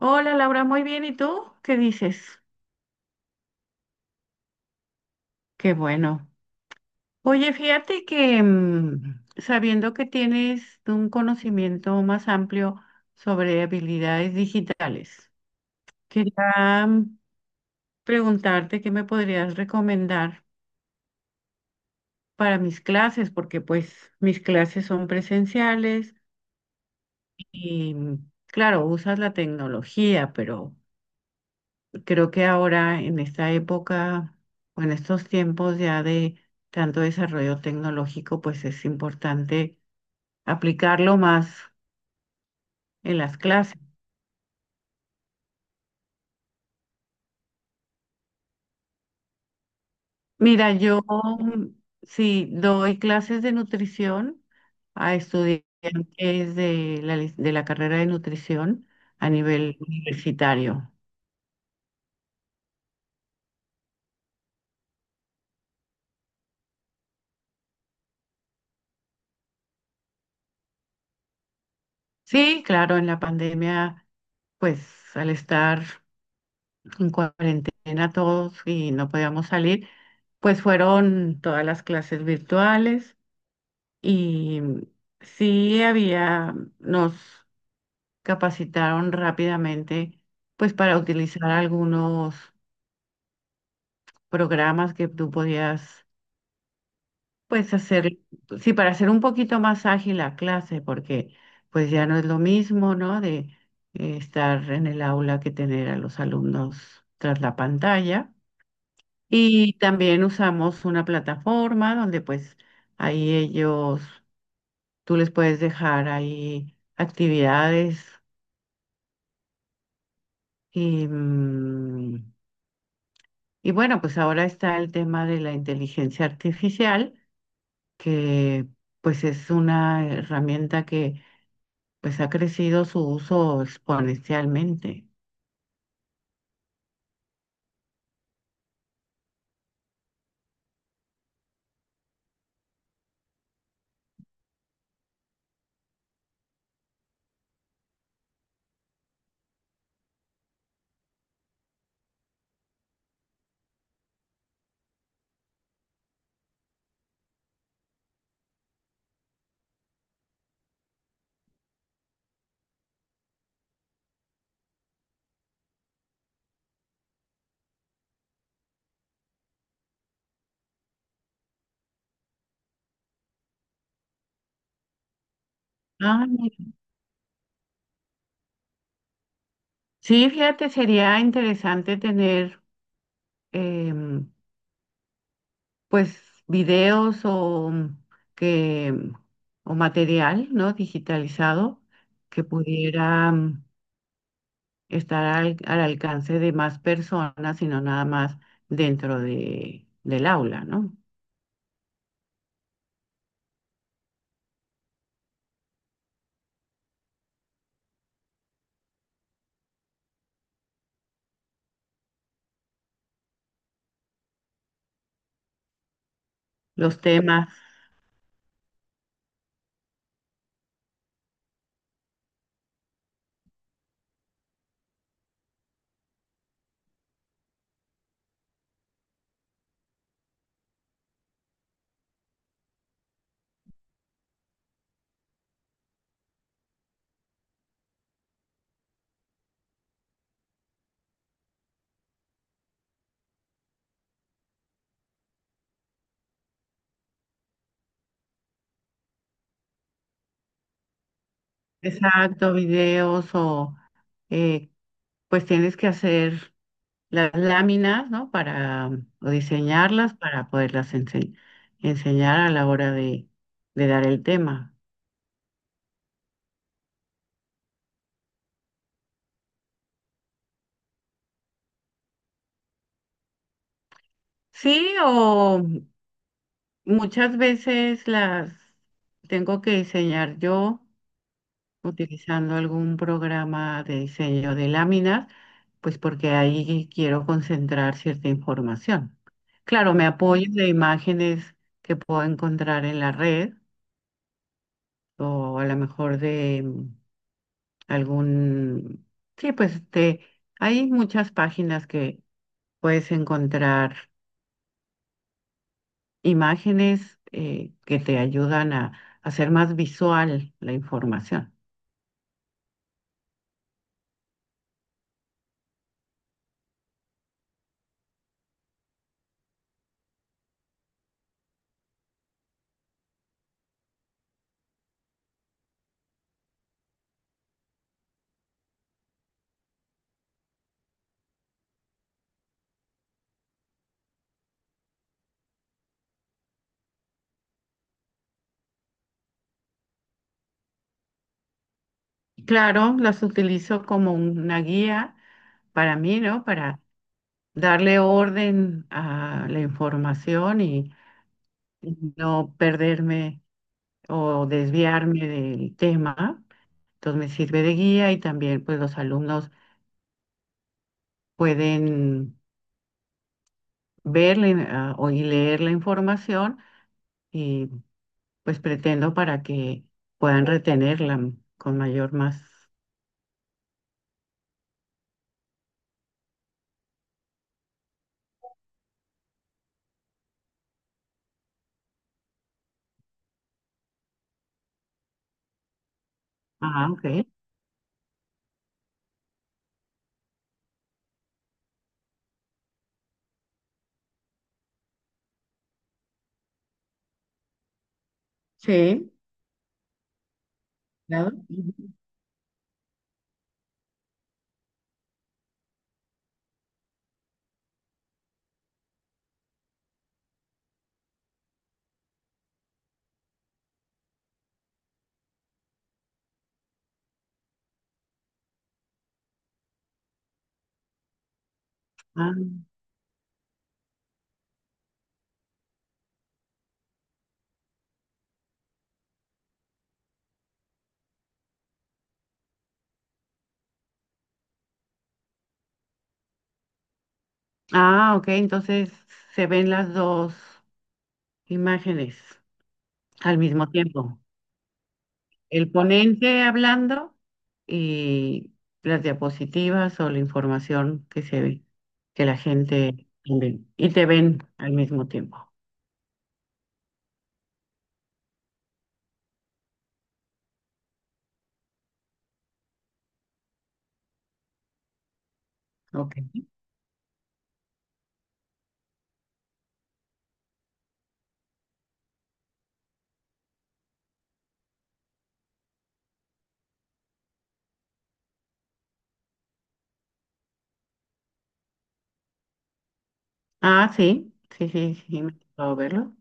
Hola Laura, muy bien. ¿Y tú? ¿Qué dices? Qué bueno. Oye, fíjate que sabiendo que tienes un conocimiento más amplio sobre habilidades digitales, quería preguntarte qué me podrías recomendar para mis clases, porque pues mis clases son presenciales y claro, usas la tecnología, pero creo que ahora, en esta época o en estos tiempos ya de tanto desarrollo tecnológico, pues es importante aplicarlo más en las clases. Mira, yo sí doy clases de nutrición a estudiantes de la carrera de nutrición a nivel universitario. Sí, claro, en la pandemia, pues al estar en cuarentena todos y no podíamos salir, pues fueron todas las clases virtuales y sí había, nos capacitaron rápidamente pues para utilizar algunos programas que tú podías pues hacer, sí, para hacer un poquito más ágil la clase, porque pues ya no es lo mismo, ¿no? De estar en el aula que tener a los alumnos tras la pantalla. Y también usamos una plataforma donde pues ahí ellos, tú les puedes dejar ahí actividades y, y bueno, pues ahora está el tema de la inteligencia artificial, que pues es una herramienta que pues ha crecido su uso exponencialmente. Ah, mira. Sí, fíjate, sería interesante tener em, pues videos o que mm, o material, ¿no?, digitalizado, que pudiera estar al alcance de más personas y no nada más del aula, ¿no? Los temas, exacto, videos o eh, pues tienes que hacer las láminas, ¿no? Para o diseñarlas para poderlas enseñar a la hora de dar el tema. Sí, o muchas veces las tengo que diseñar yo utilizando algún programa de diseño de láminas, pues porque ahí quiero concentrar cierta información. Claro, me apoyo de imágenes que puedo encontrar en la red o a lo mejor de algún... Sí, pues este, hay muchas páginas que puedes encontrar imágenes que te ayudan a hacer más visual la información. Claro, las utilizo como una guía para mí, ¿no? Para darle orden a la información y no perderme o desviarme del tema. Entonces me sirve de guía y también pues los alumnos pueden ah, o y leer la información y pues pretendo para que puedan retenerla con mayor más. Ah, ok. Sí, claro. Ujú. Ah. Ah, ok, entonces se ven las dos imágenes al mismo tiempo. El ponente hablando y las diapositivas o la información que se ve, que la gente ve y te ven al mismo tiempo. Ok. Ah, sí, sí, sí, sí, me puedo verlo.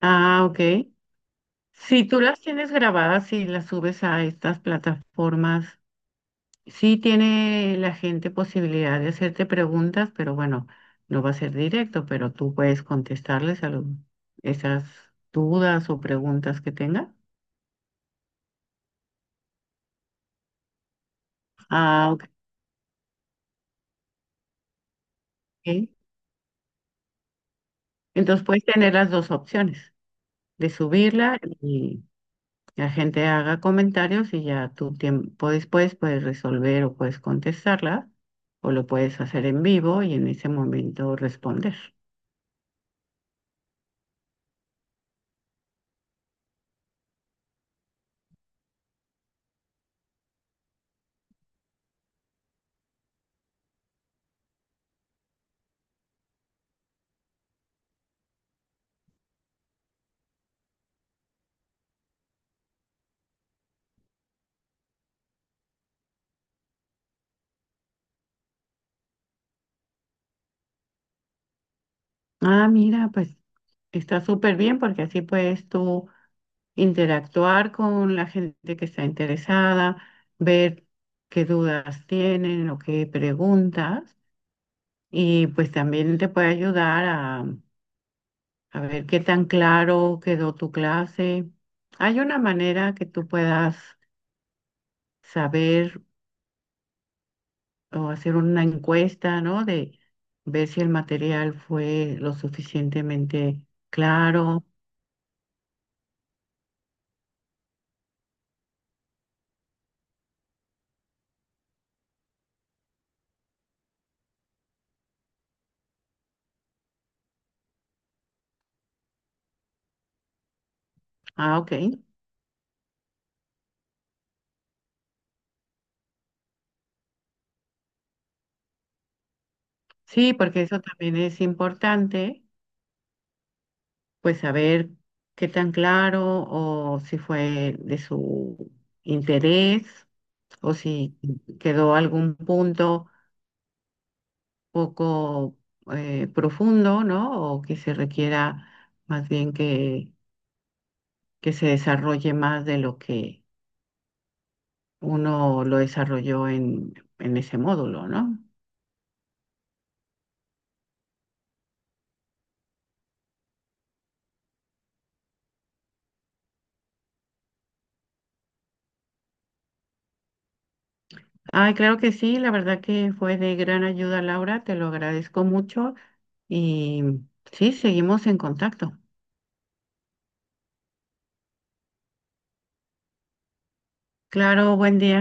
Ah, ok. Si tú las tienes grabadas y las subes a estas plataformas, sí tiene la gente posibilidad de hacerte preguntas, pero bueno, no va a ser directo, pero tú puedes contestarles esas dudas o preguntas que tenga. Ah, ok. Entonces puedes tener las dos opciones, de subirla y la gente haga comentarios y ya tu tiempo después puedes resolver o puedes contestarla, o lo puedes hacer en vivo y en ese momento responder. Ah, mira, pues está súper bien porque así puedes tú interactuar con la gente que está interesada, ver qué dudas tienen o qué preguntas y pues también te puede ayudar a ver qué tan claro quedó tu clase. Hay una manera que tú puedas saber o hacer una encuesta, ¿no? De ver si el material fue lo suficientemente claro. Ah, ok. Sí, porque eso también es importante pues saber qué tan claro o si fue de su interés o si quedó algún punto poco profundo, ¿no? O que se requiera más bien que se desarrolle más de lo que uno lo desarrolló en ese módulo, ¿no? Ay, claro que sí, la verdad que fue de gran ayuda, Laura, te lo agradezco mucho y sí, seguimos en contacto. Claro, buen día.